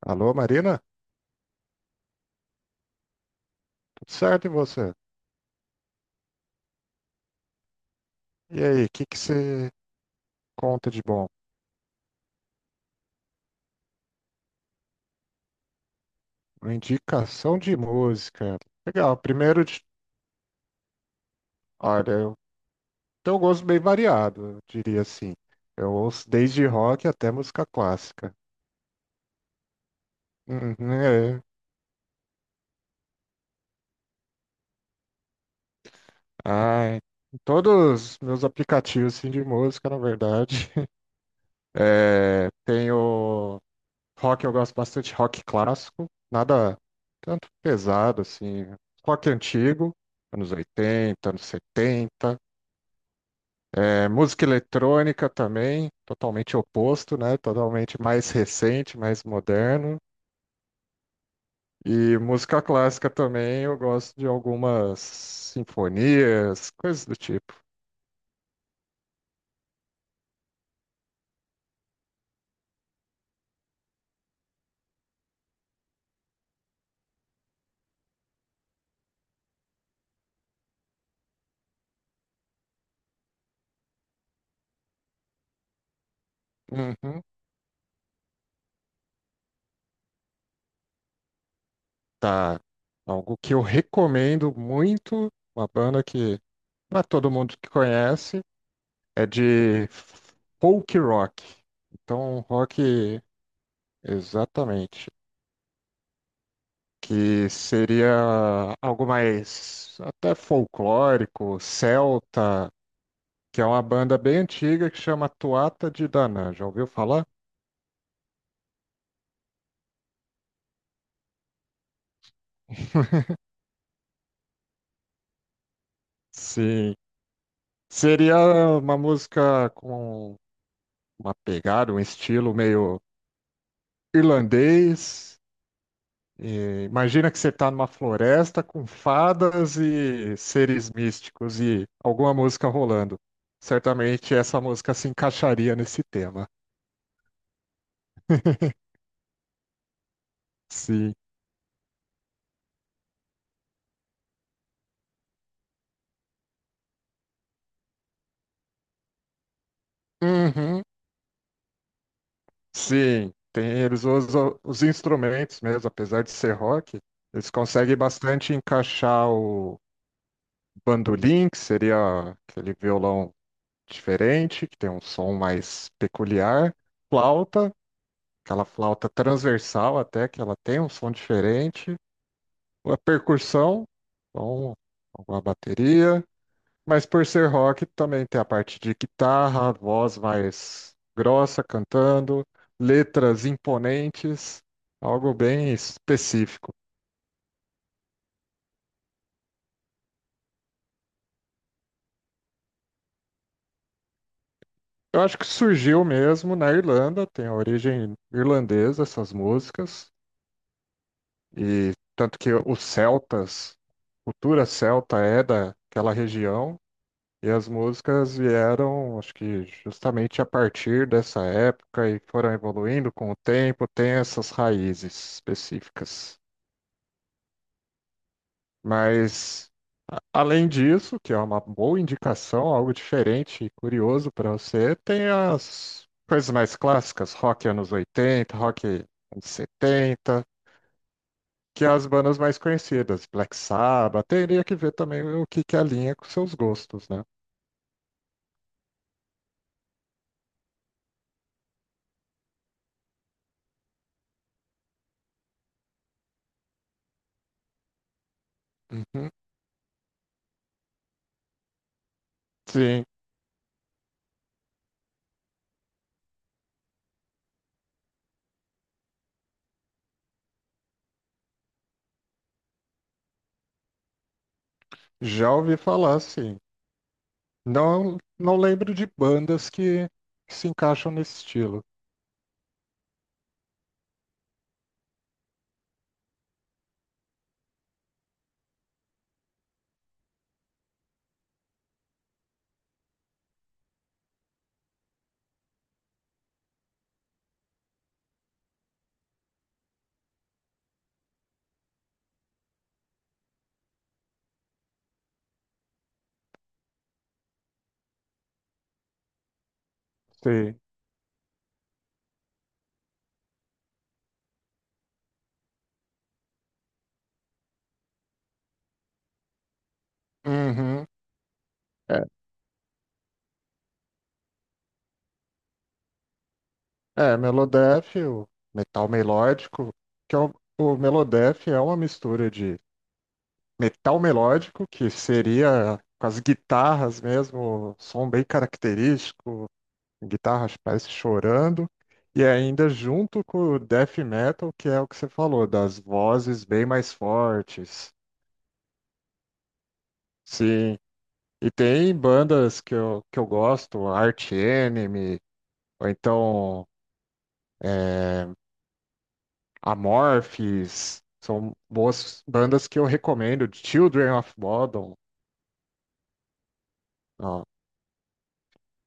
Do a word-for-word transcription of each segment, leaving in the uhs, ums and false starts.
Alô, Marina? Tudo certo e você? E aí, o que que você conta de bom? Uma indicação de música. Legal, primeiro de... Olha, eu tenho um gosto bem variado, eu diria assim. Eu ouço desde rock até música clássica. Uhum, é. Ai, em todos os meus aplicativos assim, de música, na verdade. É, tenho rock, eu gosto bastante, rock clássico, nada tanto pesado assim, rock antigo, anos oitenta, anos setenta. É, música eletrônica também, totalmente oposto, né? Totalmente mais recente, mais moderno. E música clássica também, eu gosto de algumas sinfonias, coisas do tipo. Uhum. Tá. Algo que eu recomendo muito, uma banda que não é todo mundo que conhece, é de folk rock. Então, rock, exatamente. Que seria algo mais até folclórico, celta, que é uma banda bem antiga que chama Tuatha de Danann. Já ouviu falar? Sim. Seria uma música com uma pegada, um estilo meio irlandês, e imagina que você está numa floresta com fadas e seres místicos e alguma música rolando. Certamente essa música se encaixaria nesse tema. Sim. Uhum. Sim. Tem, eles usam os instrumentos mesmo, apesar de ser rock, eles conseguem bastante encaixar o bandolim, que seria aquele violão diferente, que tem um som mais peculiar, flauta, aquela flauta transversal até, que ela tem um som diferente, a percussão, então, a bateria, mas por ser rock também tem a parte de guitarra, voz mais grossa cantando, letras imponentes, algo bem específico. Eu acho que surgiu mesmo na Irlanda, tem a origem irlandesa essas músicas, e tanto que os celtas, cultura celta é daquela região. E as músicas vieram, acho que justamente a partir dessa época e foram evoluindo com o tempo, tem essas raízes específicas. Mas, a- além disso, que é uma boa indicação, algo diferente e curioso para você, tem as coisas mais clássicas, rock anos oitenta, rock anos setenta, que é as bandas mais conhecidas, Black Sabbath, teria que ver também o que que alinha com seus gostos, né? Uhum. Sim. Já ouvi falar, sim. Não, não lembro de bandas que, se encaixam nesse estilo. Sei. Uhum. É, é, Melodeath, o metal melódico, que é o, o Melodeath é uma mistura de metal melódico, que seria com as guitarras mesmo, som bem característico, guitarras parece chorando, e ainda junto com o death metal, que é o que você falou, das vozes bem mais fortes. Sim, e tem bandas que eu, que eu gosto, Arch Enemy, ou então é, Amorphis, são boas bandas que eu recomendo, Children of Bodom, ó,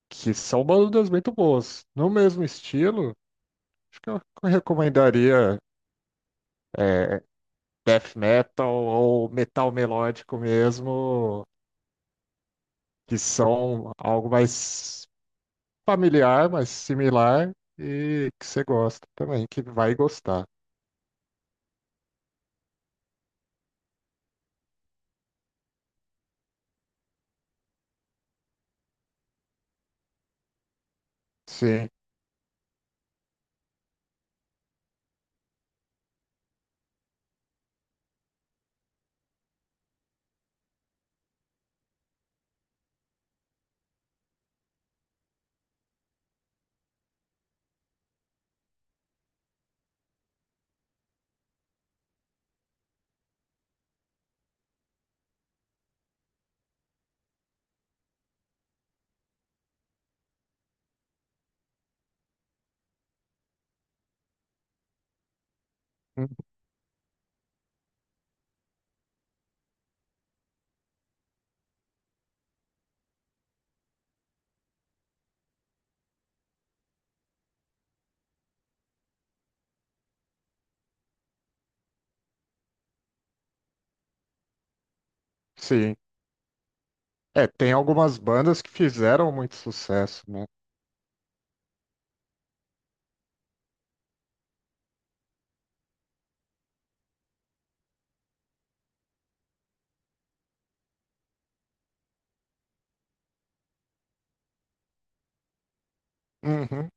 que são bandas muito boas. No mesmo estilo, acho que eu, que eu recomendaria é, Death Metal ou Metal Melódico mesmo, que são algo mais familiar, mais similar e que você gosta também, que vai gostar. Sim. Sim. É, tem algumas bandas que fizeram muito sucesso, né? Uhum,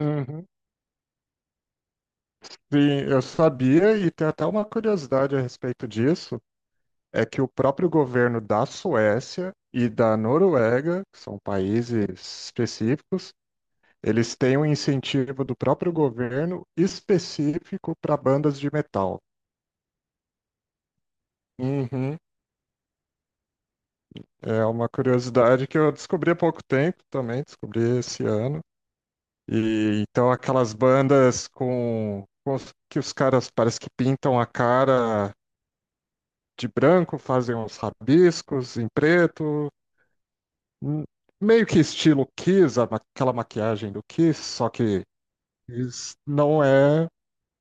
uhum. Sim, eu sabia, e tem até uma curiosidade a respeito disso, é que o próprio governo da Suécia e da Noruega, que são países específicos, eles têm um incentivo do próprio governo específico para bandas de metal. Uhum. É uma curiosidade que eu descobri há pouco tempo também, descobri esse ano. E, então aquelas bandas com, com os- que os caras parece que pintam a cara de branco, fazem uns rabiscos em preto, hum, meio que estilo Kiss, a ma- aquela maquiagem do Kiss, só que Kiss não é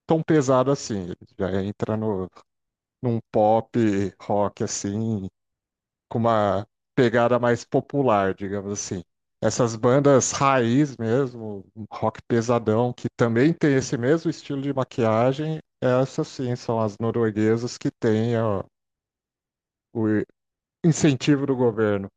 tão pesado assim, ele já entra no, num pop rock assim, com uma pegada mais popular, digamos assim. Essas bandas raiz mesmo, um rock pesadão, que também tem esse mesmo estilo de maquiagem, essas sim são as norueguesas que têm ó, o incentivo do governo.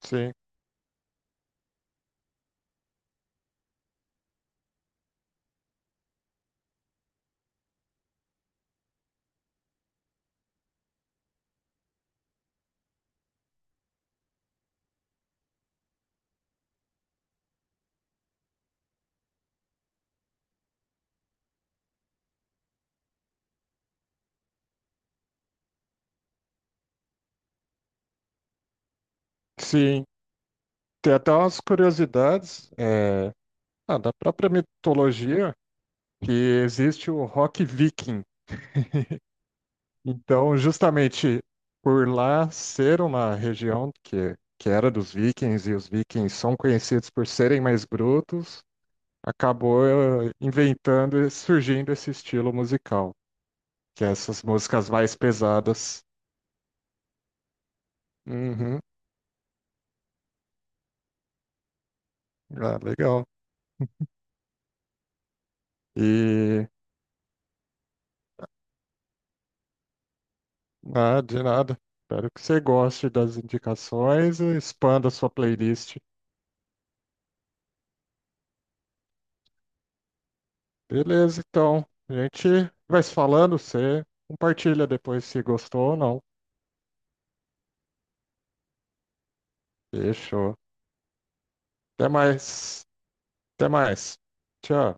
Sim, sim. Tem até umas curiosidades é, ah, da própria mitologia que existe o rock viking. Então, justamente por lá ser uma região que, que era dos vikings, e os vikings são conhecidos por serem mais brutos, acabou eh, inventando e surgindo esse estilo musical, que é essas músicas mais pesadas. Uhum. Ah, legal. E ah, de nada. Espero que você goste das indicações e expanda a sua playlist. Beleza, então. A gente vai se falando, você compartilha depois se gostou ou não. Fechou. Até mais. Até mais. Tchau.